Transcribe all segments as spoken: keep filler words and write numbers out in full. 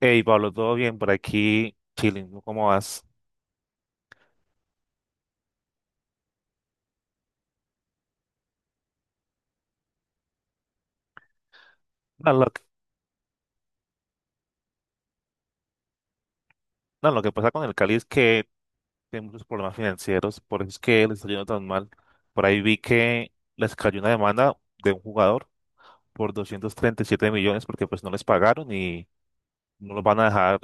Hey Pablo, ¿todo bien por aquí? Chilling, ¿no? ¿Cómo vas? No, lo, que no, lo que pasa con el Cali es que tiene muchos problemas financieros, por eso es que les está yendo tan mal. Por ahí vi que les cayó una demanda de un jugador por doscientos treinta y siete millones porque pues no les pagaron y no los van a dejar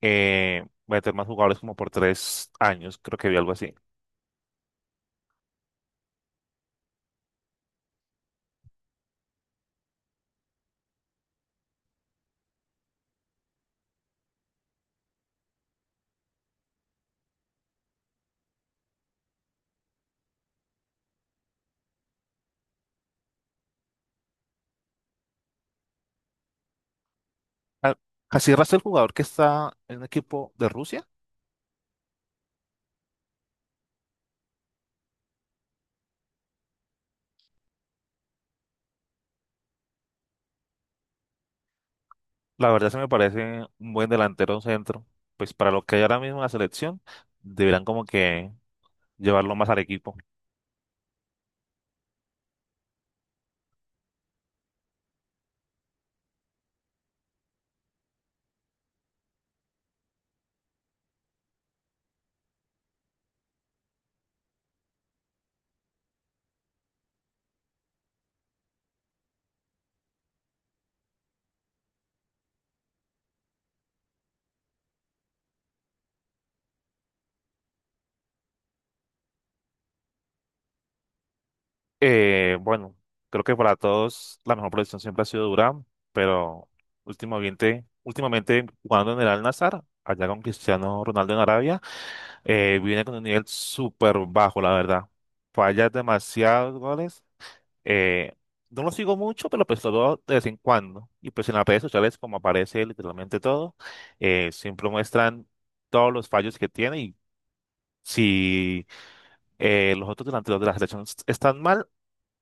eh, meter más jugadores como por tres años, creo que vi algo así. Ah, así rasta el jugador que está en un equipo de Rusia. La verdad se me parece un buen delantero centro. Pues para lo que hay ahora mismo en la selección, deberán como que llevarlo más al equipo. Eh, bueno, creo que para todos la mejor posición siempre ha sido Durán, pero últimamente, últimamente jugando en el Al-Nassr, allá con Cristiano Ronaldo en Arabia, eh, viene con un nivel súper bajo, la verdad. Falla demasiados goles. Eh, no lo sigo mucho, pero pues lo veo de vez en cuando. Y pues en las redes sociales, como aparece literalmente todo, eh, siempre muestran todos los fallos que tiene. Y si eh, los otros delanteros de la selección est- están mal,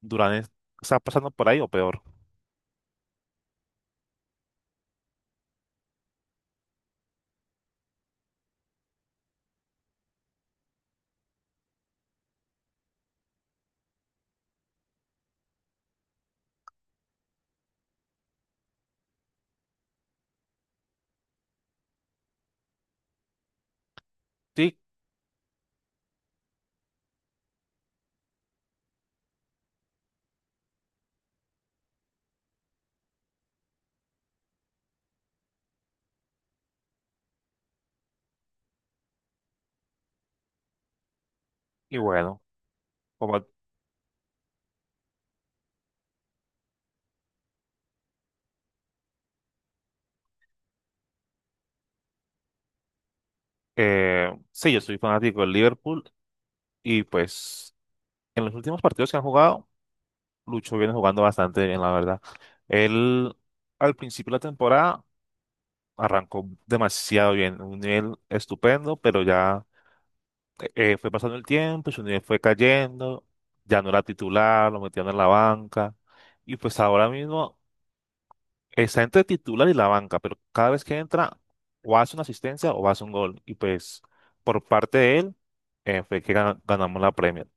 Durán es- está pasando por ahí o peor. Sí, y bueno, como eh, sí, yo soy fanático del Liverpool y pues en los últimos partidos que han jugado, Lucho viene jugando bastante bien, la verdad. Él al principio de la temporada arrancó demasiado bien, un nivel estupendo, pero ya eh, fue pasando el tiempo, y su nivel fue cayendo, ya no era titular, lo metían en la banca, y pues ahora mismo está entre titular y la banca, pero cada vez que entra, o hace una asistencia o hace un gol. Y pues por parte de él eh, fue que gana- ganamos la Premier.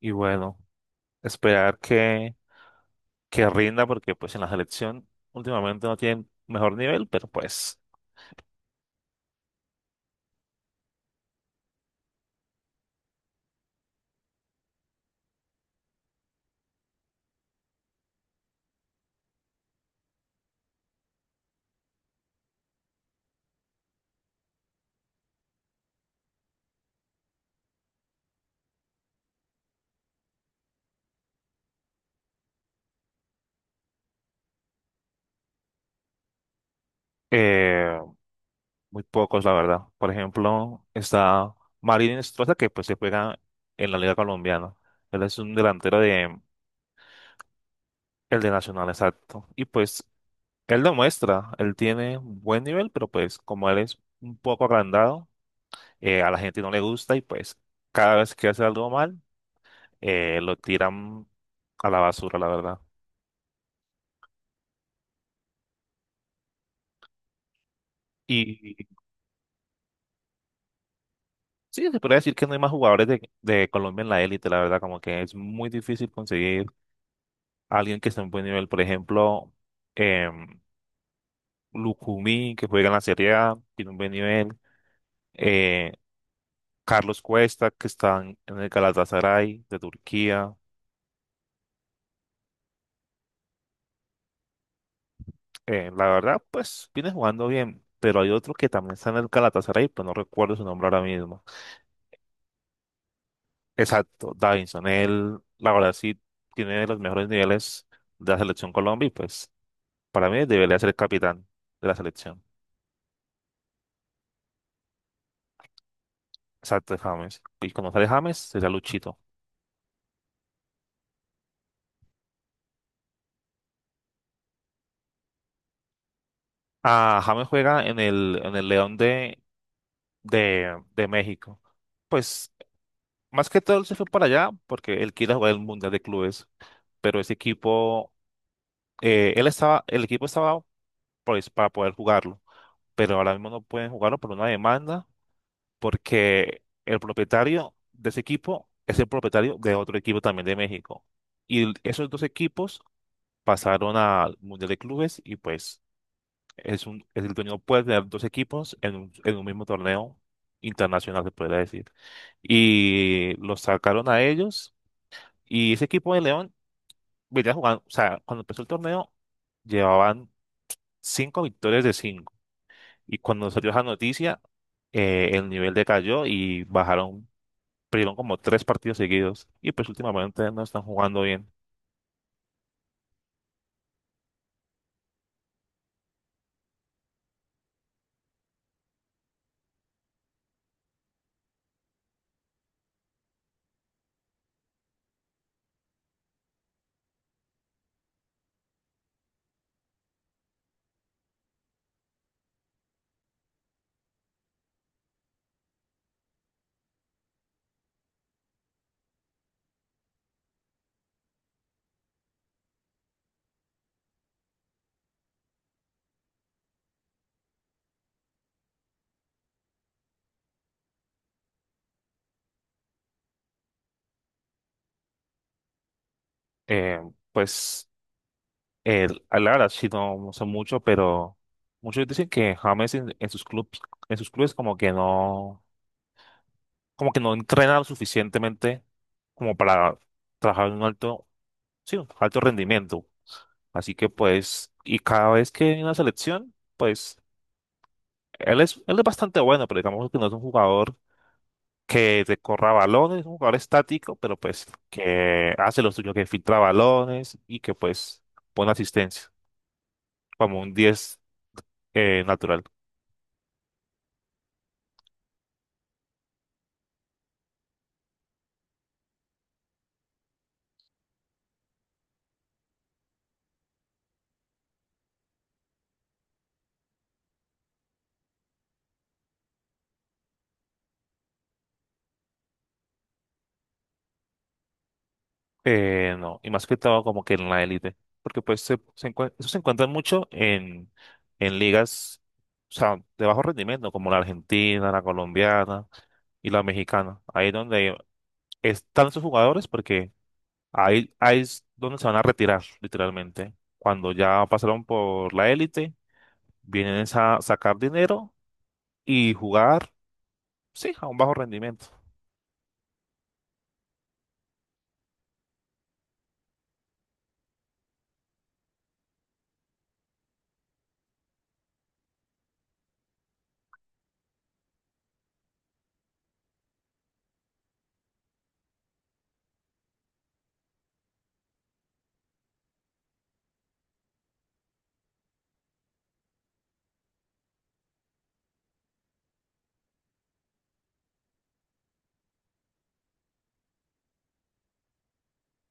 Y bueno, esperar que, que rinda, porque pues en la selección últimamente no tiene mejor nivel, pero pues... eh, muy pocos, la verdad. Por ejemplo, está Marín Estroza, que pues se juega en la Liga Colombiana. Él es un delantero de el de Nacional, exacto. Y pues él demuestra, él tiene buen nivel, pero pues como él es un poco agrandado, eh, a la gente no le gusta. Y pues cada vez que hace algo mal, eh, lo tiran a la basura, la verdad. Y sí, se podría decir que no hay más jugadores de, de Colombia en la élite, la verdad, como que es muy difícil conseguir alguien que esté en buen nivel. Por ejemplo, em, Lucumí, que juega en la Serie A, tiene un buen nivel. eh, Carlos Cuesta, que está en en el Galatasaray de Turquía. Eh, la verdad, pues viene jugando bien, pero hay otro que también está en el Galatasaray, pero no recuerdo su nombre ahora mismo. Exacto, Davinson. Él, la verdad, sí tiene los mejores niveles de la selección Colombia y pues para mí debería ser el capitán de la selección. Exacto, James. Y cuando sale James, será Luchito. Ah, James juega en el, en el León de, de, de México. Pues más que todo él se fue para allá porque él quiere jugar el Mundial de Clubes, pero ese equipo, eh, él estaba, el equipo estaba pues para poder jugarlo, pero ahora mismo no pueden jugarlo por una demanda porque el propietario de ese equipo es el propietario de otro equipo también de México. Y esos dos equipos pasaron al Mundial de Clubes. Y pues es un, es el torneo puede tener dos equipos en un, en un mismo torneo internacional, se podría decir. Y los sacaron a ellos. Y ese equipo de León venía jugando, o sea, cuando empezó el torneo, llevaban cinco victorias de cinco. Y cuando salió esa noticia, eh, el nivel decayó y bajaron, perdieron como tres partidos seguidos. Y pues últimamente no están jugando bien. Eh, pues. El, la verdad, sí, no no sé mucho, pero muchos dicen que James en, en sus clubes, en sus clubes como que no, como que no entrena lo suficientemente como para trabajar en un alto, sí, un alto rendimiento. Así que pues, y cada vez que viene a la selección, pues, él es, él es bastante bueno, pero digamos que no es un jugador que te corra balones, es un jugador estático, pero pues que hace lo suyo, que filtra balones y que pues pone asistencia, como un diez eh, natural. Eh, no, y más que todo como que en la élite, porque pues se, se encue- eso se encuentran mucho en, en ligas, o sea, de bajo rendimiento, como la argentina, la colombiana y la mexicana. Ahí donde están esos jugadores porque ahí, ahí es donde se van a retirar, literalmente. Cuando ya pasaron por la élite, vienen es a sacar dinero y jugar, sí, a un bajo rendimiento.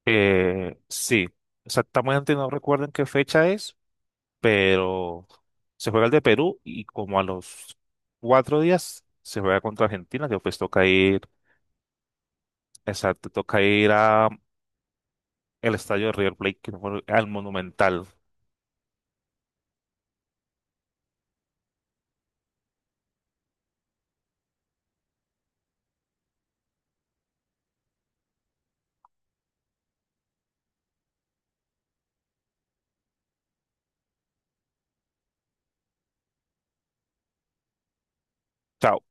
Eh, sí, exactamente no recuerdo en qué fecha es, pero se juega el de Perú y como a los cuatro días se juega contra Argentina, que pues toca ir, exacto, toca ir a el estadio de River Plate, que no me acuerdo, al Monumental. Chao.